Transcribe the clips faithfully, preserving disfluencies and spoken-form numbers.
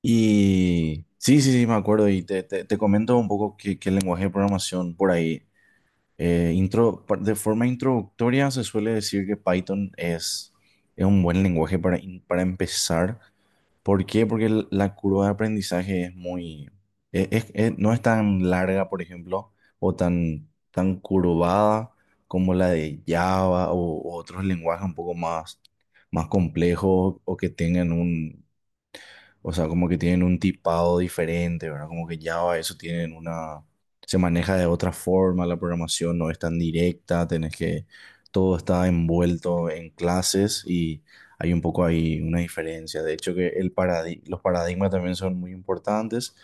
Y sí, sí, sí, me acuerdo. Y te, te, te comento un poco qué, qué lenguaje de programación por ahí. Eh, intro, pa- de forma introductoria se suele decir que Python es, es un buen lenguaje para, in- para empezar. ¿Por qué? Porque el- la curva de aprendizaje es muy, es- es- es- no es tan larga, por ejemplo, o tan, tan curvada como la de Java o, o otros lenguajes un poco más, más complejos o que tengan o sea, como que tienen un tipado diferente, ¿verdad? Como que Java, eso tienen una. Se maneja de otra forma, la programación no es tan directa, tenés que. Todo está envuelto en clases y hay un poco ahí una diferencia. De hecho, que el paradi- los paradigmas también son muy importantes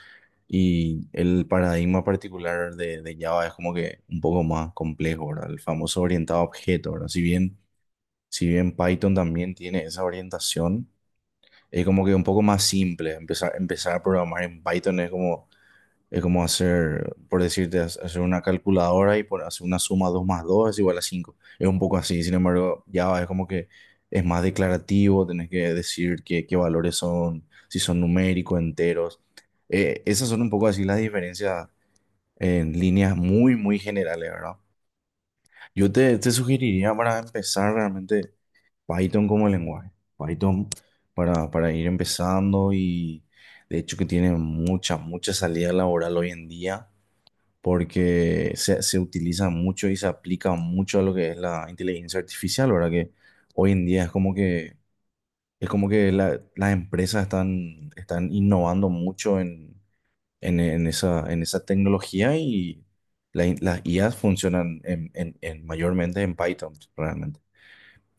y el paradigma particular de, de Java es como que un poco más complejo, ¿verdad? El famoso orientado a objeto, ¿verdad? Si bien, si bien Python también tiene esa orientación, es como que un poco más simple. Empezar, empezar a programar en Python es como, es como hacer, por decirte, ha- hacer una calculadora y por hacer una suma dos más dos es igual a cinco. Es un poco así, sin embargo, Java es como que es más declarativo, tenés que decir qué, qué valores son, si son numéricos, enteros. Eh, esas son un poco así las diferencias en líneas muy, muy generales, ¿verdad? Yo te, te sugeriría para empezar realmente Python como lenguaje. Python para, para ir empezando y de hecho que tiene mucha, mucha salida laboral hoy en día porque se, se utiliza mucho y se aplica mucho a lo que es la inteligencia artificial, ¿verdad? Que hoy en día es como que, es como que la- las empresas están, están innovando mucho en, en, en esa, en esa tecnología y la- las I As funcionan en, en, en- mayormente en Python, realmente.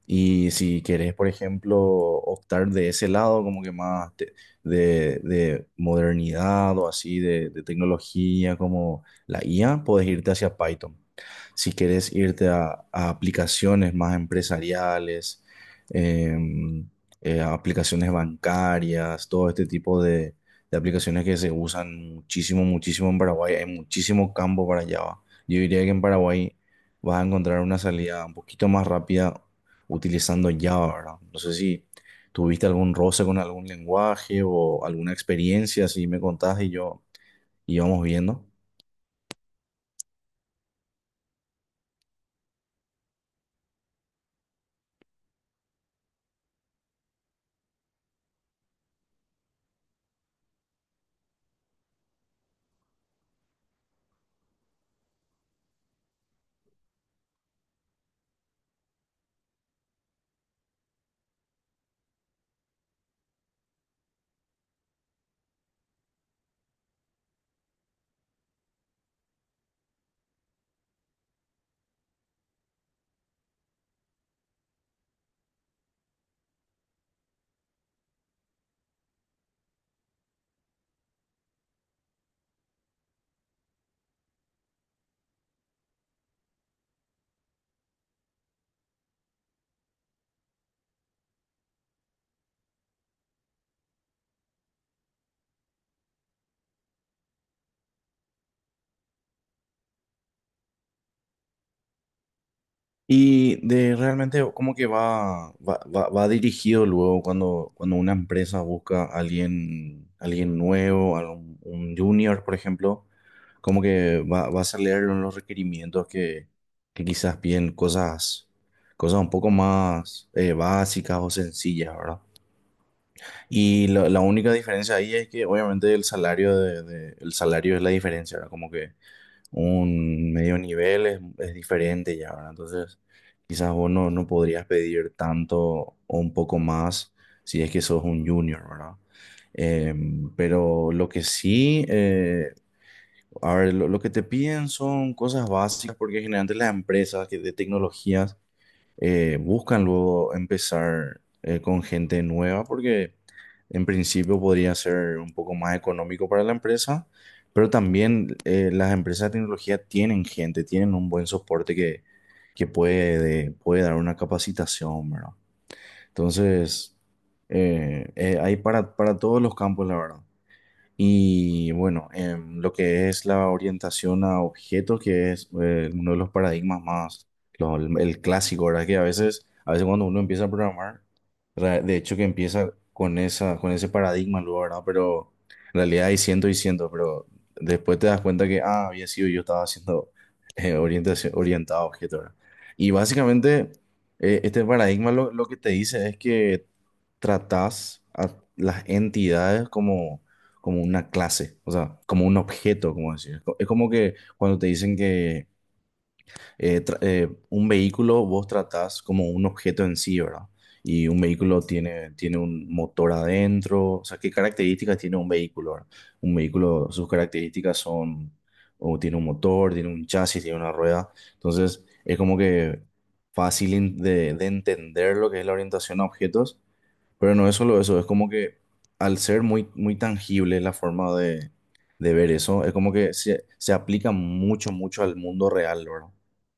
Y si querés, por ejemplo, optar de ese lado, como que más te- de, de modernidad o así, de, de tecnología como la I A, podés irte hacia Python. Si querés irte a, a aplicaciones más empresariales, em, eh, a aplicaciones bancarias, todo este tipo de, de aplicaciones que se usan muchísimo, muchísimo en Paraguay, hay muchísimo campo para Java. Yo diría que en Paraguay vas a encontrar una salida un poquito más rápida utilizando Java, ¿verdad? No sé si tuviste algún roce con algún lenguaje o alguna experiencia, si me contás y yo íbamos viendo. Y de realmente como que va, va, va, va dirigido luego cuando, cuando una empresa busca a alguien, alguien nuevo, algún- un junior, por ejemplo, como que va, va a hacer leer los requerimientos que, que quizás piden cosas, cosas un poco más eh, básicas o sencillas, ¿verdad? Y la, la única diferencia ahí es que obviamente el salario de, de- el salario es la diferencia, ¿verdad? Como que un medio nivel es, es diferente ya, ¿verdad? Entonces, quizás vos no, no podrías pedir tanto o un poco más si es que sos un junior, ¿verdad? Eh, pero lo que sí, eh, a ver, lo, lo que te piden son cosas básicas, porque generalmente las empresas que- de tecnologías eh, buscan luego empezar eh, con gente nueva porque en principio podría ser un poco más económico para la empresa, pero también eh, las empresas de tecnología tienen gente, tienen un buen soporte que, que puede, puede dar una capacitación, ¿verdad? Entonces, eh, eh, hay para, para todos los campos, la verdad. Y bueno, em, lo que es la orientación a objetos, que es eh, uno de los paradigmas más, lo- el clásico, ¿verdad? Que a veces, a veces cuando uno empieza a programar, ra- de hecho que empieza con esa, con ese paradigma luego, ¿verdad? Pero en realidad hay cientos y cientos, pero después te das cuenta que, ah, había sido yo estaba haciendo eh, orientación, orientado a objetos, ¿verdad? Y básicamente, eh, este paradigma lo, lo que te dice es que tratás a las entidades como, como una clase, o sea, como un objeto, como decir. Es como que cuando te dicen que eh, tra- eh, un vehículo vos tratás como un objeto en sí, ¿verdad? Y un vehículo tiene, tiene un motor adentro, o sea, ¿qué características tiene un vehículo, verdad? Un vehículo, sus características son, o tiene un motor, tiene un chasis, tiene una rueda, entonces es como que fácil in- de, de entender lo que es la orientación a objetos, pero no es solo eso, es como que al ser muy, muy tangible la forma de, de ver eso, es como que se, se aplica mucho, mucho al mundo real, ¿verdad?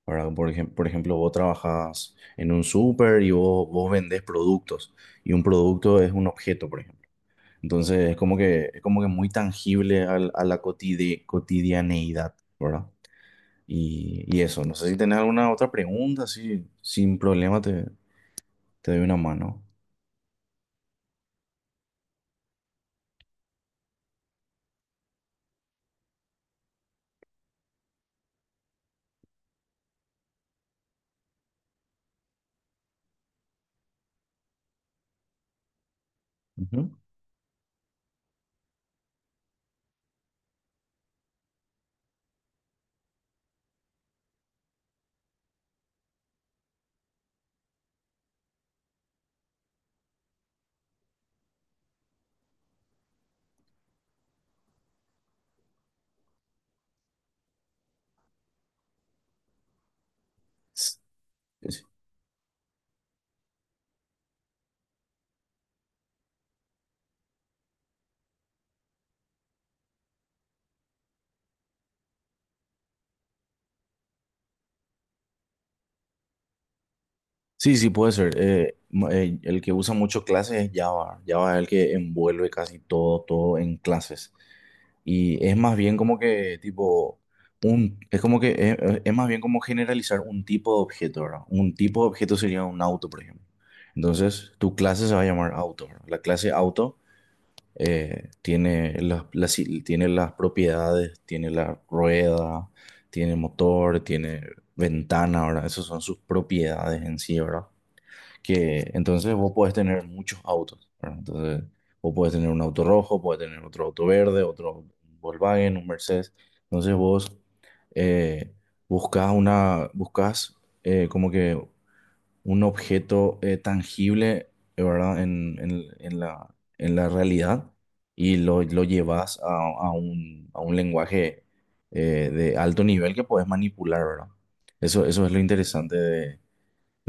¿Verdad? Por ejem- por ejemplo, vos trabajas en un súper y vos, vos vendés productos y un producto es un objeto, por ejemplo. Entonces es como que, es como que muy tangible al- a la cotide- cotidianeidad, ¿verdad? Y, y eso, no sé si tenés alguna otra pregunta, si sin problema te, te doy una mano. Ujú. Sí, sí, puede ser. Eh, ma- eh, el que usa mucho clases es Java. Java es el que envuelve casi todo, todo en clases. Y es más bien como que tipo un, es como que eh, eh, es, más bien como generalizar un tipo de objeto, ¿verdad? Un tipo de objeto sería un auto, por ejemplo. Entonces, tu clase se va a llamar auto, ¿verdad? La clase auto eh, tiene las, las- tiene las propiedades, tiene la rueda, tiene motor, tiene ventana, ¿verdad? Esas son sus propiedades en sí, ¿verdad? Que entonces vos podés tener muchos autos, ¿verdad? Entonces vos podés tener un auto rojo, podés tener otro auto verde, otro Volkswagen, un Mercedes. Entonces vos eh, buscás una, buscás eh, como que un objeto eh, tangible, eh, ¿verdad? En, en- en la, en la realidad y lo, lo llevas a, a un, a un lenguaje eh, de alto nivel que podés manipular, ¿verdad? Eso, eso es lo interesante de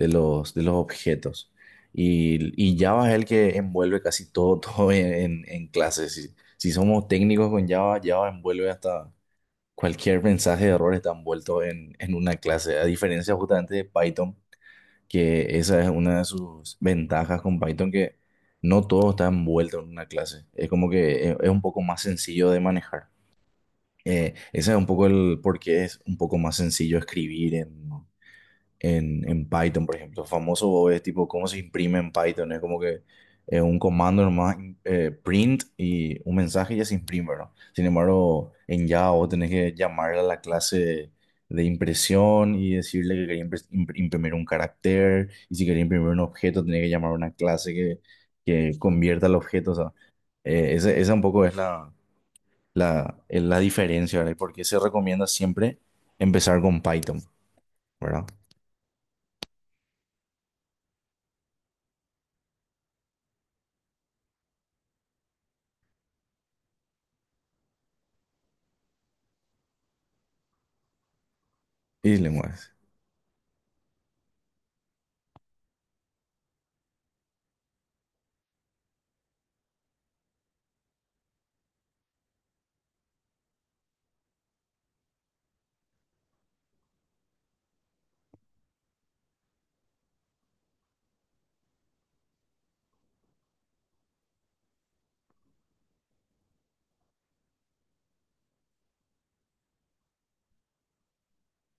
los, de los objetos. Y, y Java es el que envuelve casi todo, todo en, en, clases. Si, si somos técnicos con Java, Java envuelve hasta cualquier mensaje de error está envuelto en, en una clase. A diferencia justamente de Python, que esa es una de sus ventajas con Python, que no todo está envuelto en una clase. Es como que es, es un poco más sencillo de manejar. Eh, ese es un poco el por qué es un poco más sencillo escribir en, en, en Python, por ejemplo. Famoso Bob es tipo cómo se imprime en Python. Es como que es un comando nomás, eh, print y un mensaje y ya se imprime, ¿no? Sin embargo, en Java vos tenés que llamar a la clase de impresión y decirle que quería impre- impr- imprimir un carácter y si quería imprimir un objeto tenés que llamar a una clase que, que convierta el objeto. O sea, eh, esa, esa un poco es la, la, es la diferencia, ¿verdad? Y por qué se recomienda siempre empezar con Python, ¿verdad? Y lenguajes.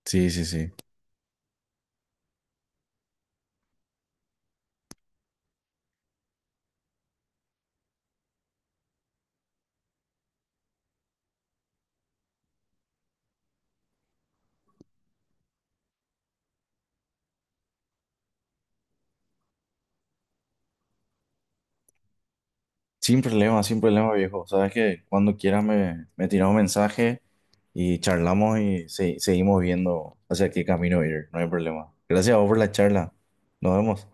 Sí, sí, sí. Sin problema, sin problema, viejo. Sabes que cuando quieras me, me tiras un mensaje y charlamos y se- seguimos viendo hacia qué camino ir. No hay problema. Gracias a vos por la charla. Nos vemos.